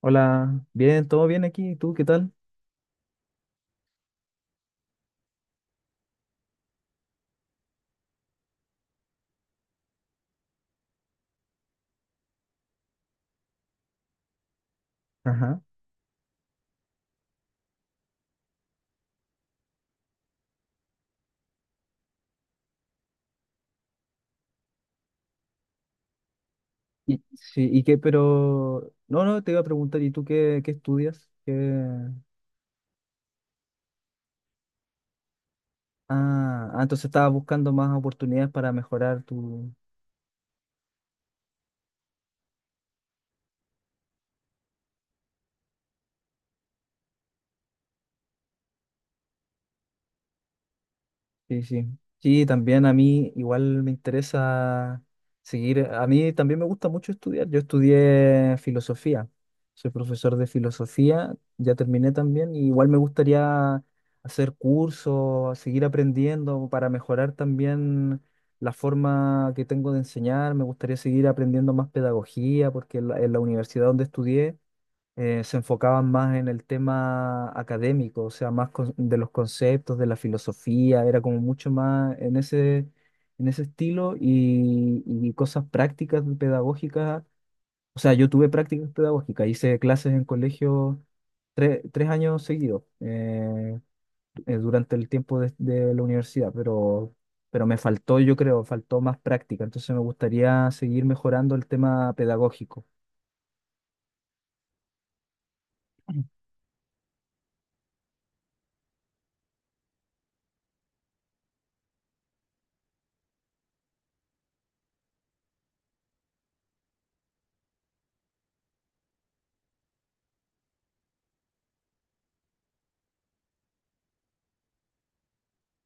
Hola, bien, todo bien aquí. ¿Y tú qué tal? Ajá. Y, sí, ¿y qué? Pero, no, no, te iba a preguntar, ¿y tú qué estudias? ¿Qué? Ah, ah, entonces estabas buscando más oportunidades para mejorar tu. Sí, sí. Sí, también a mí igual me interesa seguir. A mí también me gusta mucho estudiar. Yo estudié filosofía. Soy profesor de filosofía, ya terminé también, y igual me gustaría hacer cursos, seguir aprendiendo para mejorar también la forma que tengo de enseñar. Me gustaría seguir aprendiendo más pedagogía, porque en la, universidad donde estudié se enfocaban más en el tema académico, o sea, más de los conceptos, de la filosofía, era como mucho más en ese estilo y cosas prácticas pedagógicas. O sea, yo tuve prácticas pedagógicas, hice clases en colegio tres años seguidos durante el tiempo de la universidad, pero me faltó, yo creo, faltó más práctica, entonces me gustaría seguir mejorando el tema pedagógico.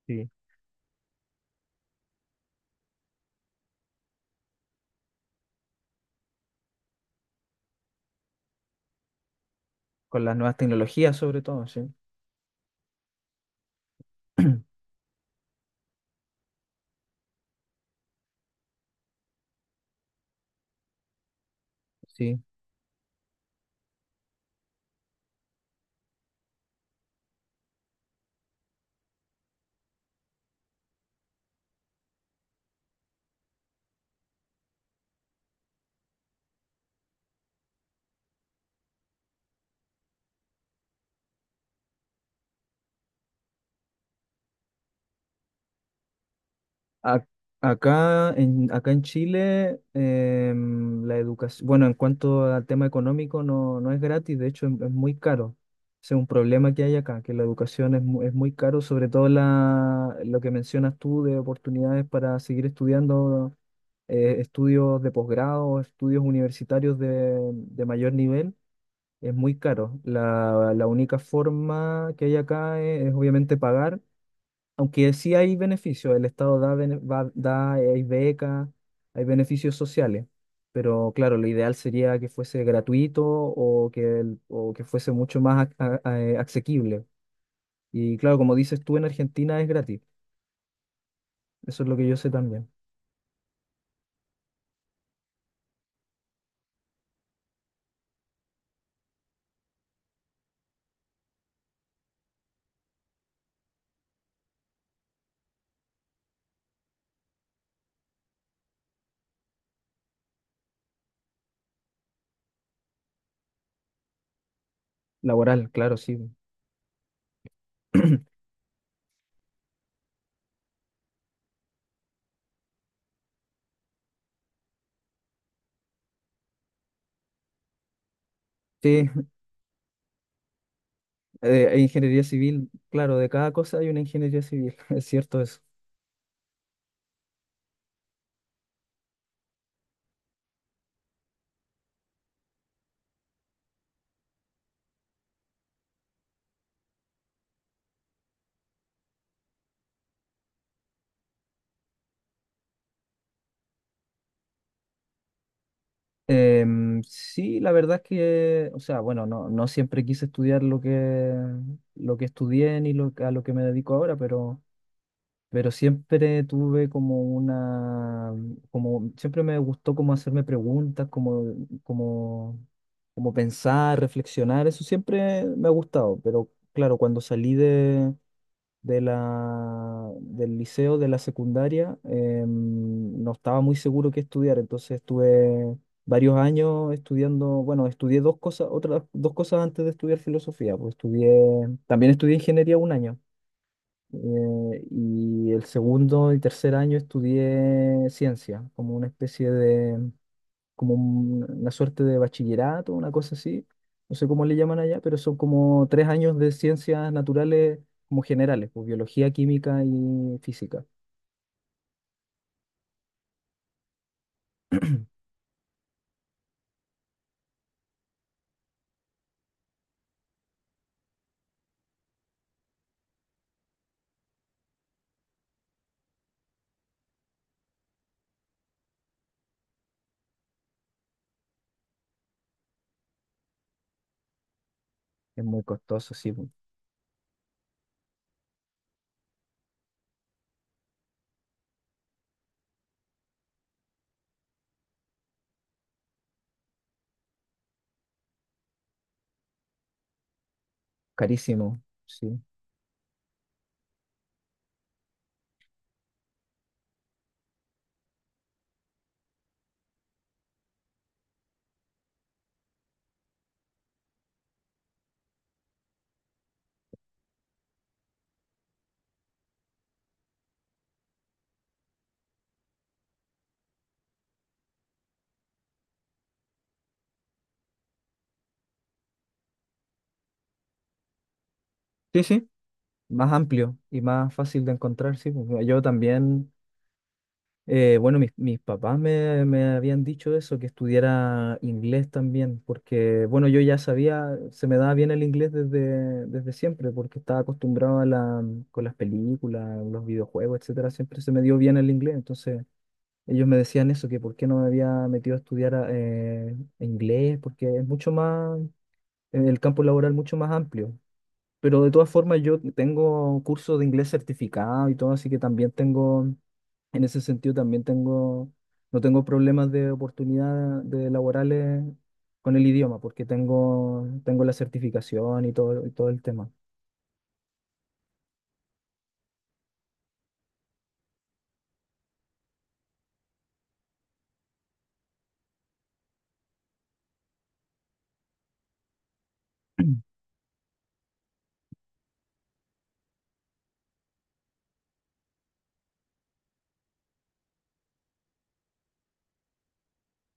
Sí, con las nuevas tecnologías sobre todo, sí. Sí. Ac- acá en Chile, la educación, bueno, en cuanto al tema económico, no, no es gratis, de hecho es muy caro. Ese es un problema que hay acá, que la educación es muy caro, sobre todo lo que mencionas tú de oportunidades para seguir estudiando estudios de posgrado, estudios universitarios de mayor nivel, es muy caro. La única forma que hay acá es obviamente pagar. Aunque sí hay beneficios, el Estado da hay becas, hay beneficios sociales, pero claro, lo ideal sería que fuese gratuito o que fuese mucho más asequible. Y claro, como dices tú, en Argentina es gratis, eso es lo que yo sé también. Laboral, claro, sí. Sí, ingeniería civil, claro, de cada cosa hay una ingeniería civil, es cierto eso. Sí, la verdad es que, o sea, bueno, no, no siempre quise estudiar lo que estudié ni a lo que me dedico ahora, pero siempre tuve siempre me gustó como hacerme preguntas, como, como pensar, reflexionar, eso siempre me ha gustado, pero claro, cuando salí del liceo, de la secundaria, no estaba muy seguro qué estudiar, entonces estuve varios años estudiando, bueno, estudié dos cosas, otras dos cosas antes de estudiar filosofía, pues también estudié ingeniería un año, y el segundo y tercer año estudié ciencia, como una especie de, como una suerte de bachillerato, una cosa así. No sé cómo le llaman allá, pero son como tres años de ciencias naturales como generales, pues biología, química y física. Es muy costoso, sí, pues, carísimo, sí. Sí, sí. Más amplio y más fácil de encontrar, sí, pues, yo también. Bueno, mis papás me habían dicho eso, que estudiara inglés también, porque, bueno, yo ya sabía, se me daba bien el inglés desde siempre, porque estaba acostumbrado con las películas, los videojuegos, etcétera, siempre se me dio bien el inglés, entonces ellos me decían eso, que por qué no me había metido a estudiar inglés, porque el campo laboral mucho más amplio. Pero de todas formas yo tengo cursos de inglés certificado y todo, así que también tengo, en ese sentido también tengo, no tengo problemas de oportunidad de laborales con el idioma, porque tengo la certificación y todo el tema.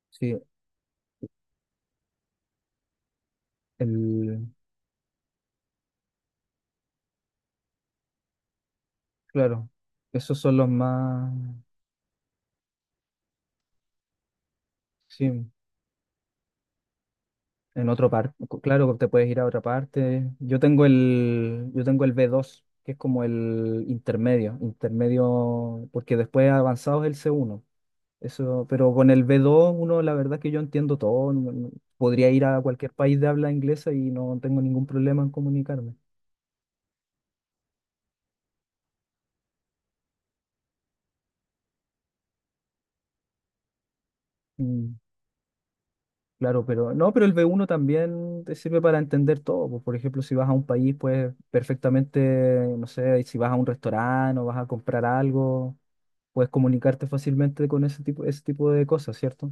Sí, el, claro, esos son los más, sí. En otro parte, claro, te puedes ir a otra parte. Yo tengo el B2, que es como el intermedio, intermedio, porque después avanzado es el C1. Eso, pero con el B2, uno, la verdad es que yo entiendo todo. Podría ir a cualquier país de habla inglesa y no tengo ningún problema en comunicarme. Mm, claro, pero no, pero el B1 también te sirve para entender todo, pues, por ejemplo, si vas a un país, pues perfectamente, no sé, si vas a un restaurante o vas a comprar algo puedes comunicarte fácilmente con ese tipo de cosas, ¿cierto?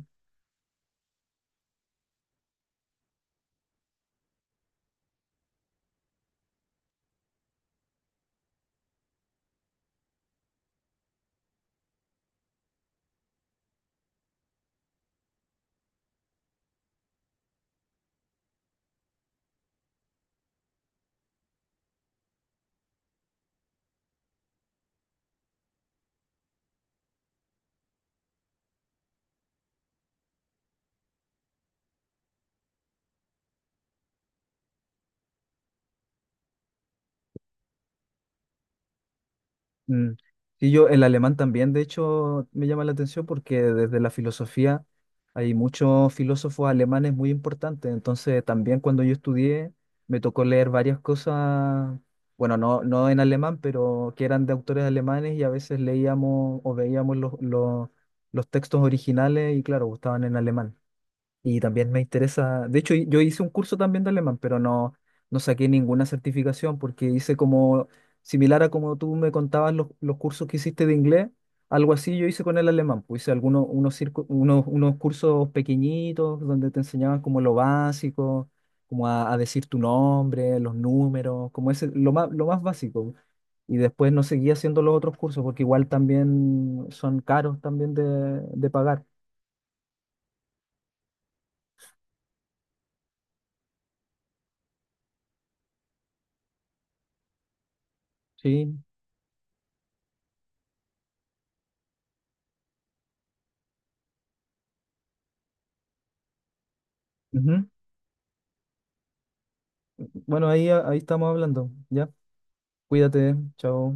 Mm. Sí, yo el alemán también, de hecho, me llama la atención porque desde la filosofía hay muchos filósofos alemanes muy importantes, entonces también cuando yo estudié me tocó leer varias cosas, bueno, no, no en alemán, pero que eran de autores alemanes y a veces leíamos o veíamos los textos originales y claro, estaban en alemán. Y también me interesa, de hecho yo hice un curso también de alemán, pero no, no saqué ninguna certificación porque hice como similar a como tú me contabas los cursos que hiciste de inglés, algo así yo hice con el alemán, pues hice algunos unos, circu- unos, unos cursos pequeñitos donde te enseñaban como lo básico, como a decir tu nombre, los números, como ese, lo más básico. Y después no seguí haciendo los otros cursos porque igual también son caros también de pagar, ¿sí? Bueno, ahí estamos hablando. Ya, cuídate, chao.